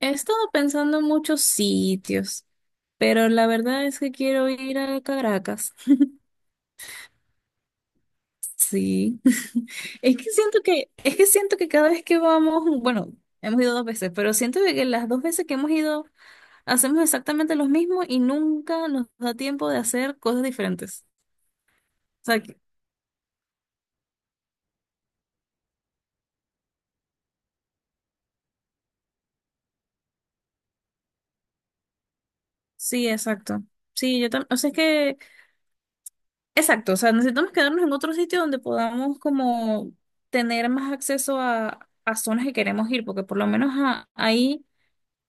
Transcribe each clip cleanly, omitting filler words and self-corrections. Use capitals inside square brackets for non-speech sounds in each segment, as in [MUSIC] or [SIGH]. He estado pensando en muchos sitios, pero la verdad es que quiero ir a Caracas. Sí. [LAUGHS] Es que siento que cada vez que vamos, bueno, hemos ido dos veces, pero siento de que las dos veces que hemos ido hacemos exactamente lo mismo y nunca nos da tiempo de hacer cosas diferentes. O sea, sí, exacto. Sí, yo también, o sea, es que, exacto, o sea, necesitamos quedarnos en otro sitio donde podamos como tener más acceso a zonas que queremos ir, porque por lo menos ahí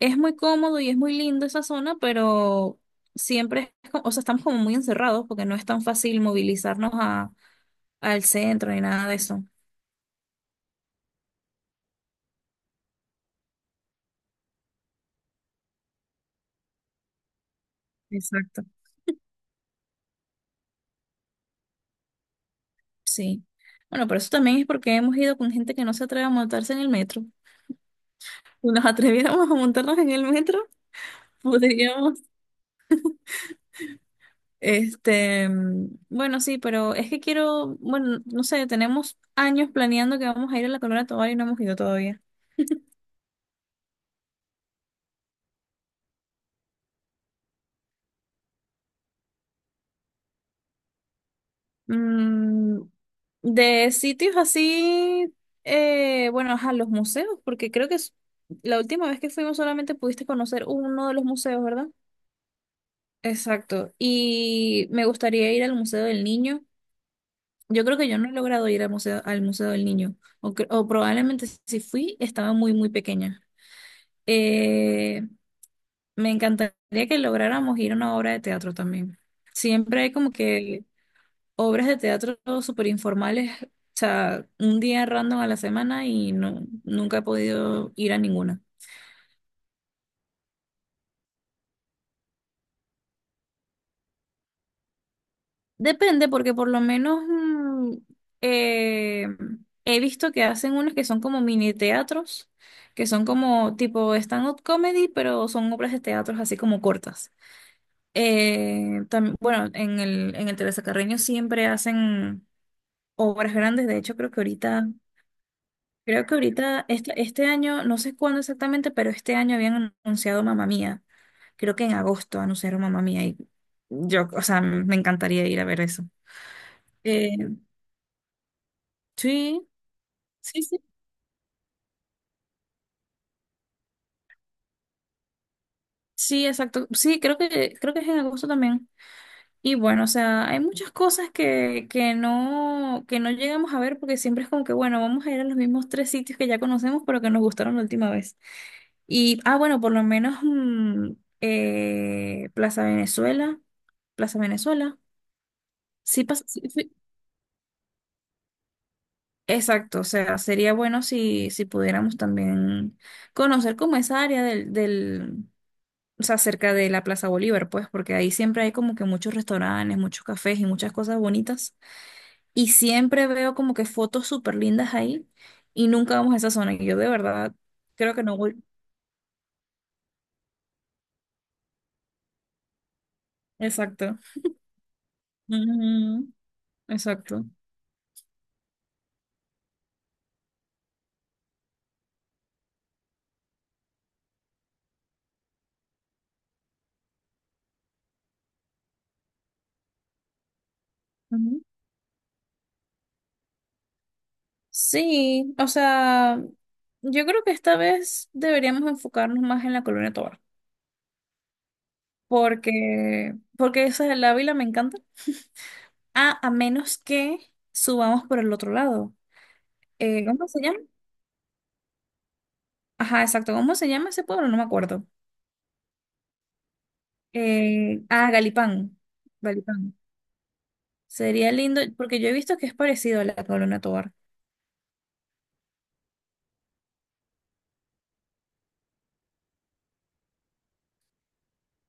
es muy cómodo y es muy lindo esa zona, pero siempre es, o sea, estamos como muy encerrados porque no es tan fácil movilizarnos al centro ni nada de eso. Exacto. Sí. Bueno, pero eso también es porque hemos ido con gente que no se atreve a montarse en el metro. Si nos atreviéramos a montarnos en el metro, [LAUGHS] podríamos, bueno, sí, pero es que quiero, bueno, no sé, tenemos años planeando que vamos a ir a la Corona Tobar y no hemos ido todavía. Mm, de sitios así, bueno, a los museos, porque creo que la última vez que fuimos solamente pudiste conocer uno de los museos, ¿verdad? Exacto. Y me gustaría ir al Museo del Niño. Yo creo que yo no he logrado ir al Museo del Niño, o probablemente si fui, estaba muy, muy pequeña. Eh, Me encantaría que lográramos ir a una obra de teatro también. Siempre hay como que obras de teatro súper informales, o sea, un día random a la semana y no, nunca he podido ir a ninguna. Depende, porque por lo menos eh, he visto que hacen unas que son como mini teatros, que son como tipo stand-up comedy, pero son obras de teatro así como cortas. Bueno, en el Teresa Carreño siempre hacen obras grandes, de hecho creo que ahorita Creo que ahorita, este año, no sé cuándo exactamente, pero este año habían anunciado Mamá Mía. Creo que en agosto anunciaron Mamá Mía y yo, o sea, me encantaría ir a ver eso. Eh, sí, sí, sí, sí, exacto. Sí, creo que es en agosto también. Y bueno, o sea, hay muchas cosas que, que no llegamos a ver porque siempre es como que, bueno, vamos a ir a los mismos tres sitios que ya conocemos, pero que nos gustaron la última vez. Y, bueno, por lo menos eh, Plaza Venezuela, Plaza Venezuela, sí, sí, exacto, o sea, sería bueno si, si pudiéramos también conocer como esa área del, o sea, cerca de la Plaza Bolívar, pues, porque ahí siempre hay como que muchos restaurantes, muchos cafés y muchas cosas bonitas. Y siempre veo como que fotos súper lindas ahí y nunca vamos a esa zona. Y yo de verdad creo que no voy. Exacto. Ujú. Exacto. Sí, o sea, yo creo que esta vez deberíamos enfocarnos más en la Colonia Tovar, porque esa de la Ávila me encanta. Ah, a menos que subamos por el otro lado. ¿Cómo se llama? Ajá, exacto. ¿Cómo se llama ese pueblo? No me acuerdo. Galipán. Galipán. Sería lindo, porque yo he visto que es parecido a la Colonia Tovar.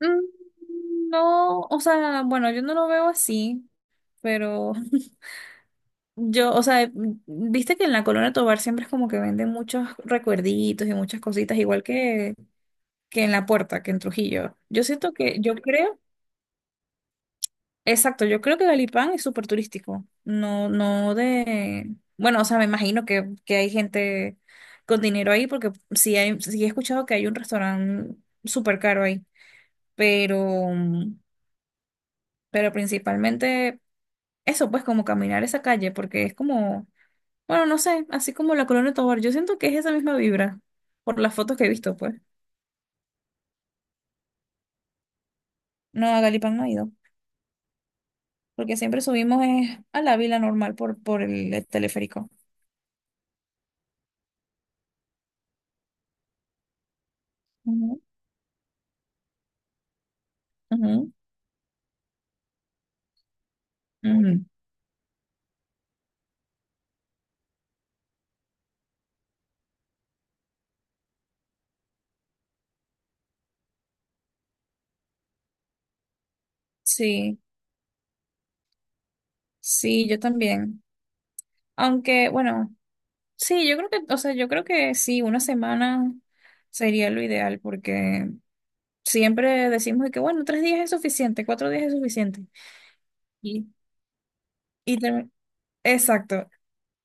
Mm, No, o sea, bueno, yo no lo veo así, pero [LAUGHS] Yo, o sea, viste que en la Colonia Tovar siempre es como que venden muchos recuerditos y muchas cositas, igual que en La Puerta, que en Trujillo. Yo siento que, yo creo, exacto, yo creo que Galipán es súper turístico. No, no bueno, o sea, me imagino que, hay gente con dinero ahí, porque sí he escuchado que hay un restaurante súper caro ahí, pero, principalmente eso, pues como caminar esa calle, porque es como bueno, no sé, así como la Colonia Tovar, yo siento que es esa misma vibra, por las fotos que he visto, pues. No, a Galipán no he ido, porque siempre subimos a la vila normal por, el teleférico. Ujú, ujú, ujú. Sí, sí, yo también. Aunque, bueno, sí, o sea, yo creo que sí, una semana sería lo ideal, porque siempre decimos de que, bueno, 3 días es suficiente, 4 días es suficiente. Y, y termi- Exacto,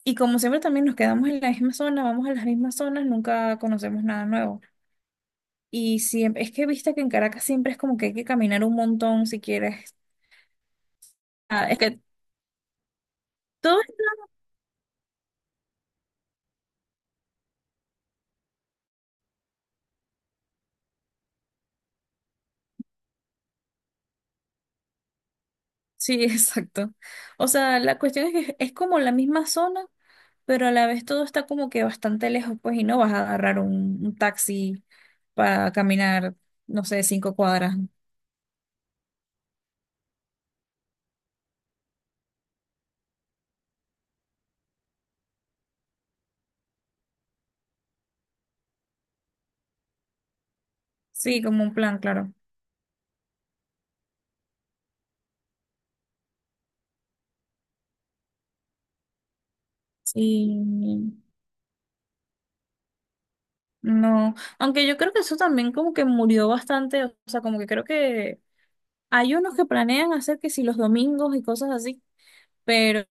y como siempre también nos quedamos en la misma zona, vamos a las mismas zonas, nunca conocemos nada nuevo. Y siempre, es que viste que en Caracas siempre es como que hay que caminar un montón si quieres. Ah, es que todo, sí, [LAUGHS] exacto. O sea, la cuestión es que es como la misma zona, pero a la vez todo está como que bastante lejos, pues, y no vas a agarrar un, taxi para caminar, no sé, 5 cuadras. Sí, como un plan, claro. Sí. No, aunque yo creo que eso también como que murió bastante, o sea, como que creo que hay unos que planean hacer que si los domingos y cosas así, pero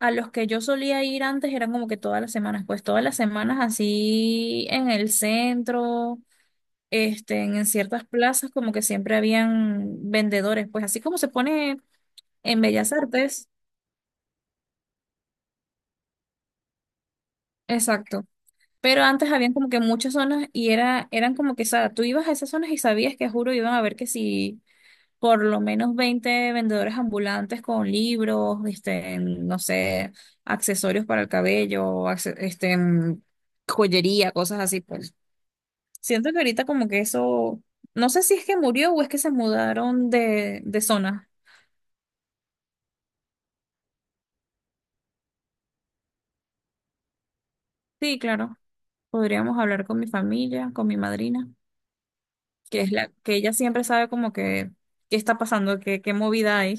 a los que yo solía ir antes eran como que todas las semanas, pues todas las semanas así en el centro, en ciertas plazas como que siempre habían vendedores, pues así como se pone en Bellas Artes, exacto. Pero antes habían como que muchas zonas y era, eran como que, o sea, tú ibas a esas zonas y sabías que, juro, iban a ver que si por lo menos 20 vendedores ambulantes con libros, no sé, accesorios para el cabello, joyería, cosas así, pues. Siento que ahorita como que eso, no sé si es que murió o es que se mudaron de, zona. Sí, claro. Podríamos hablar con mi familia, con mi madrina, que es la que ella siempre sabe como que qué está pasando, qué movida hay.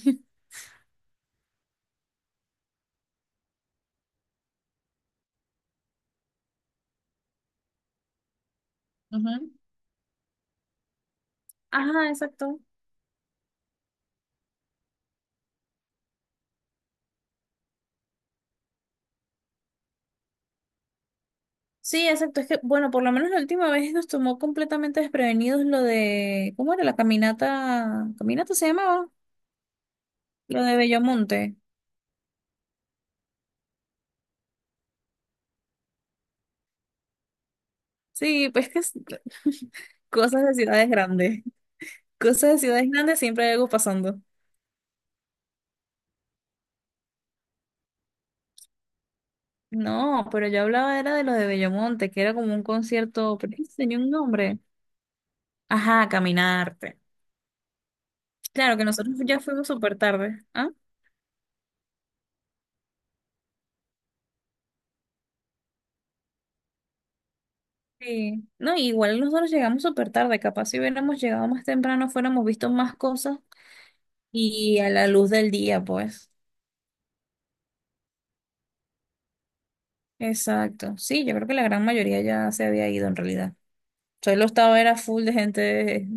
[LAUGHS] Ujú. Ajá, exacto. Sí, exacto. Es que, bueno, por lo menos la última vez nos tomó completamente desprevenidos lo de, ¿cómo era la caminata? ¿Caminata se llamaba? Lo de Bellomonte. Sí, pues que es- [LAUGHS] cosas de ciudades grandes. Cosas de ciudades grandes siempre hay algo pasando. No, pero yo hablaba era de lo de Bellomonte, que era como un concierto, pero es que tenía un nombre. Ajá, Caminarte. Claro que nosotros ya fuimos súper tarde. ¿Ah? Sí. No, igual nosotros llegamos súper tarde, capaz si hubiéramos llegado más temprano, fuéramos visto más cosas y a la luz del día, pues. Exacto. Sí, yo creo que la gran mayoría ya se había ido en realidad. Solo estaba era full de gente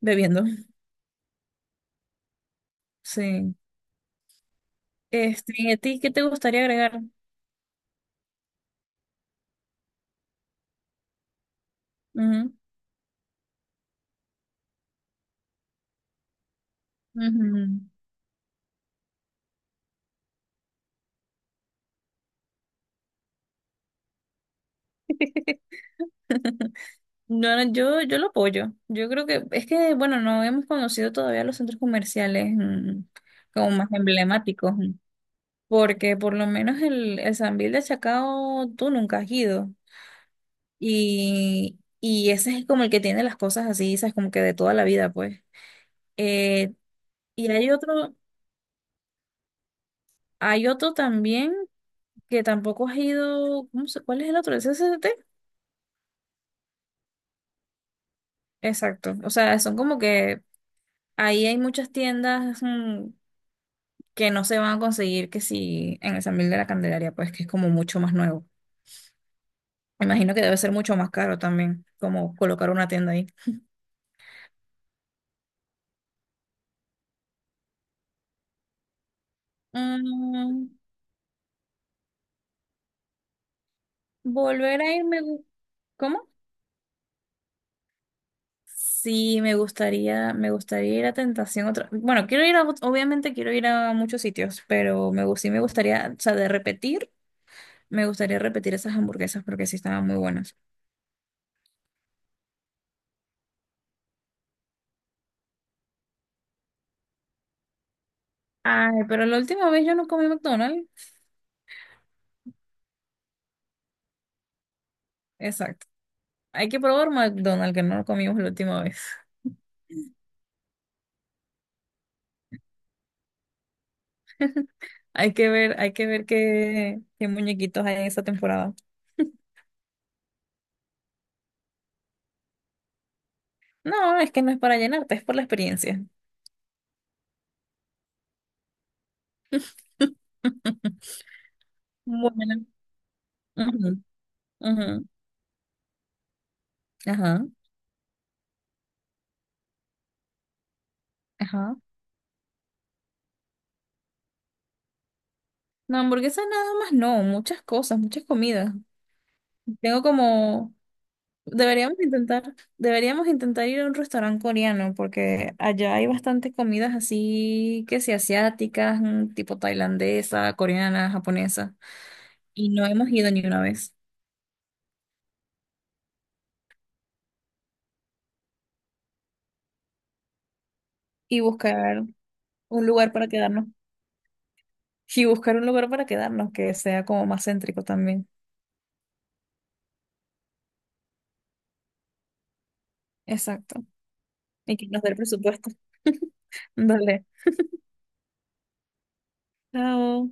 bebiendo. [LAUGHS] Sí. ¿Y a ti qué te gustaría agregar? Ujú, ujú. [LAUGHS] No, no, yo lo apoyo. Yo creo que es que, bueno, no hemos conocido todavía los centros comerciales como más emblemáticos, porque por lo menos el Sambil de Chacao tú nunca has ido. Y ese es como el que tiene las cosas así, ¿sabes? Como que de toda la vida, pues. Eh, y hay otro también que tampoco has ido, ¿cuál es el otro? ¿El CCT? Exacto. O sea, son como que ahí hay muchas tiendas que no se van a conseguir que si en el San Miguel de la Candelaria, pues que es como mucho más nuevo. Me imagino que debe ser mucho más caro también, como colocar una tienda ahí. Mm, Volver a irme, ¿cómo? Sí, me gustaría ir a Tentación otra. Bueno, obviamente quiero ir a muchos sitios, pero sí me gustaría, o sea, de repetir, me gustaría repetir esas hamburguesas porque sí estaban muy buenas. Ay, pero la última vez yo no comí McDonald's. Exacto. Hay que probar McDonald's que no lo comimos la última vez. [LAUGHS] Hay que ver qué muñequitos hay en esa temporada. No, es que no es para llenarte, es por la experiencia. [LAUGHS] Bueno. Ujú, ujú. Ajá, ajá. No, hamburguesas nada más, no, muchas cosas, muchas comidas. Tengo como, deberíamos intentar ir a un restaurante coreano porque allá hay bastantes comidas así que sí, asiáticas, tipo tailandesa, coreana, japonesa, y no hemos ido ni una vez. Y buscar un lugar para quedarnos. Y buscar un lugar para quedarnos que sea como más céntrico también. Exacto. Y que nos dé el presupuesto. [LAUGHS] Dale. Chao.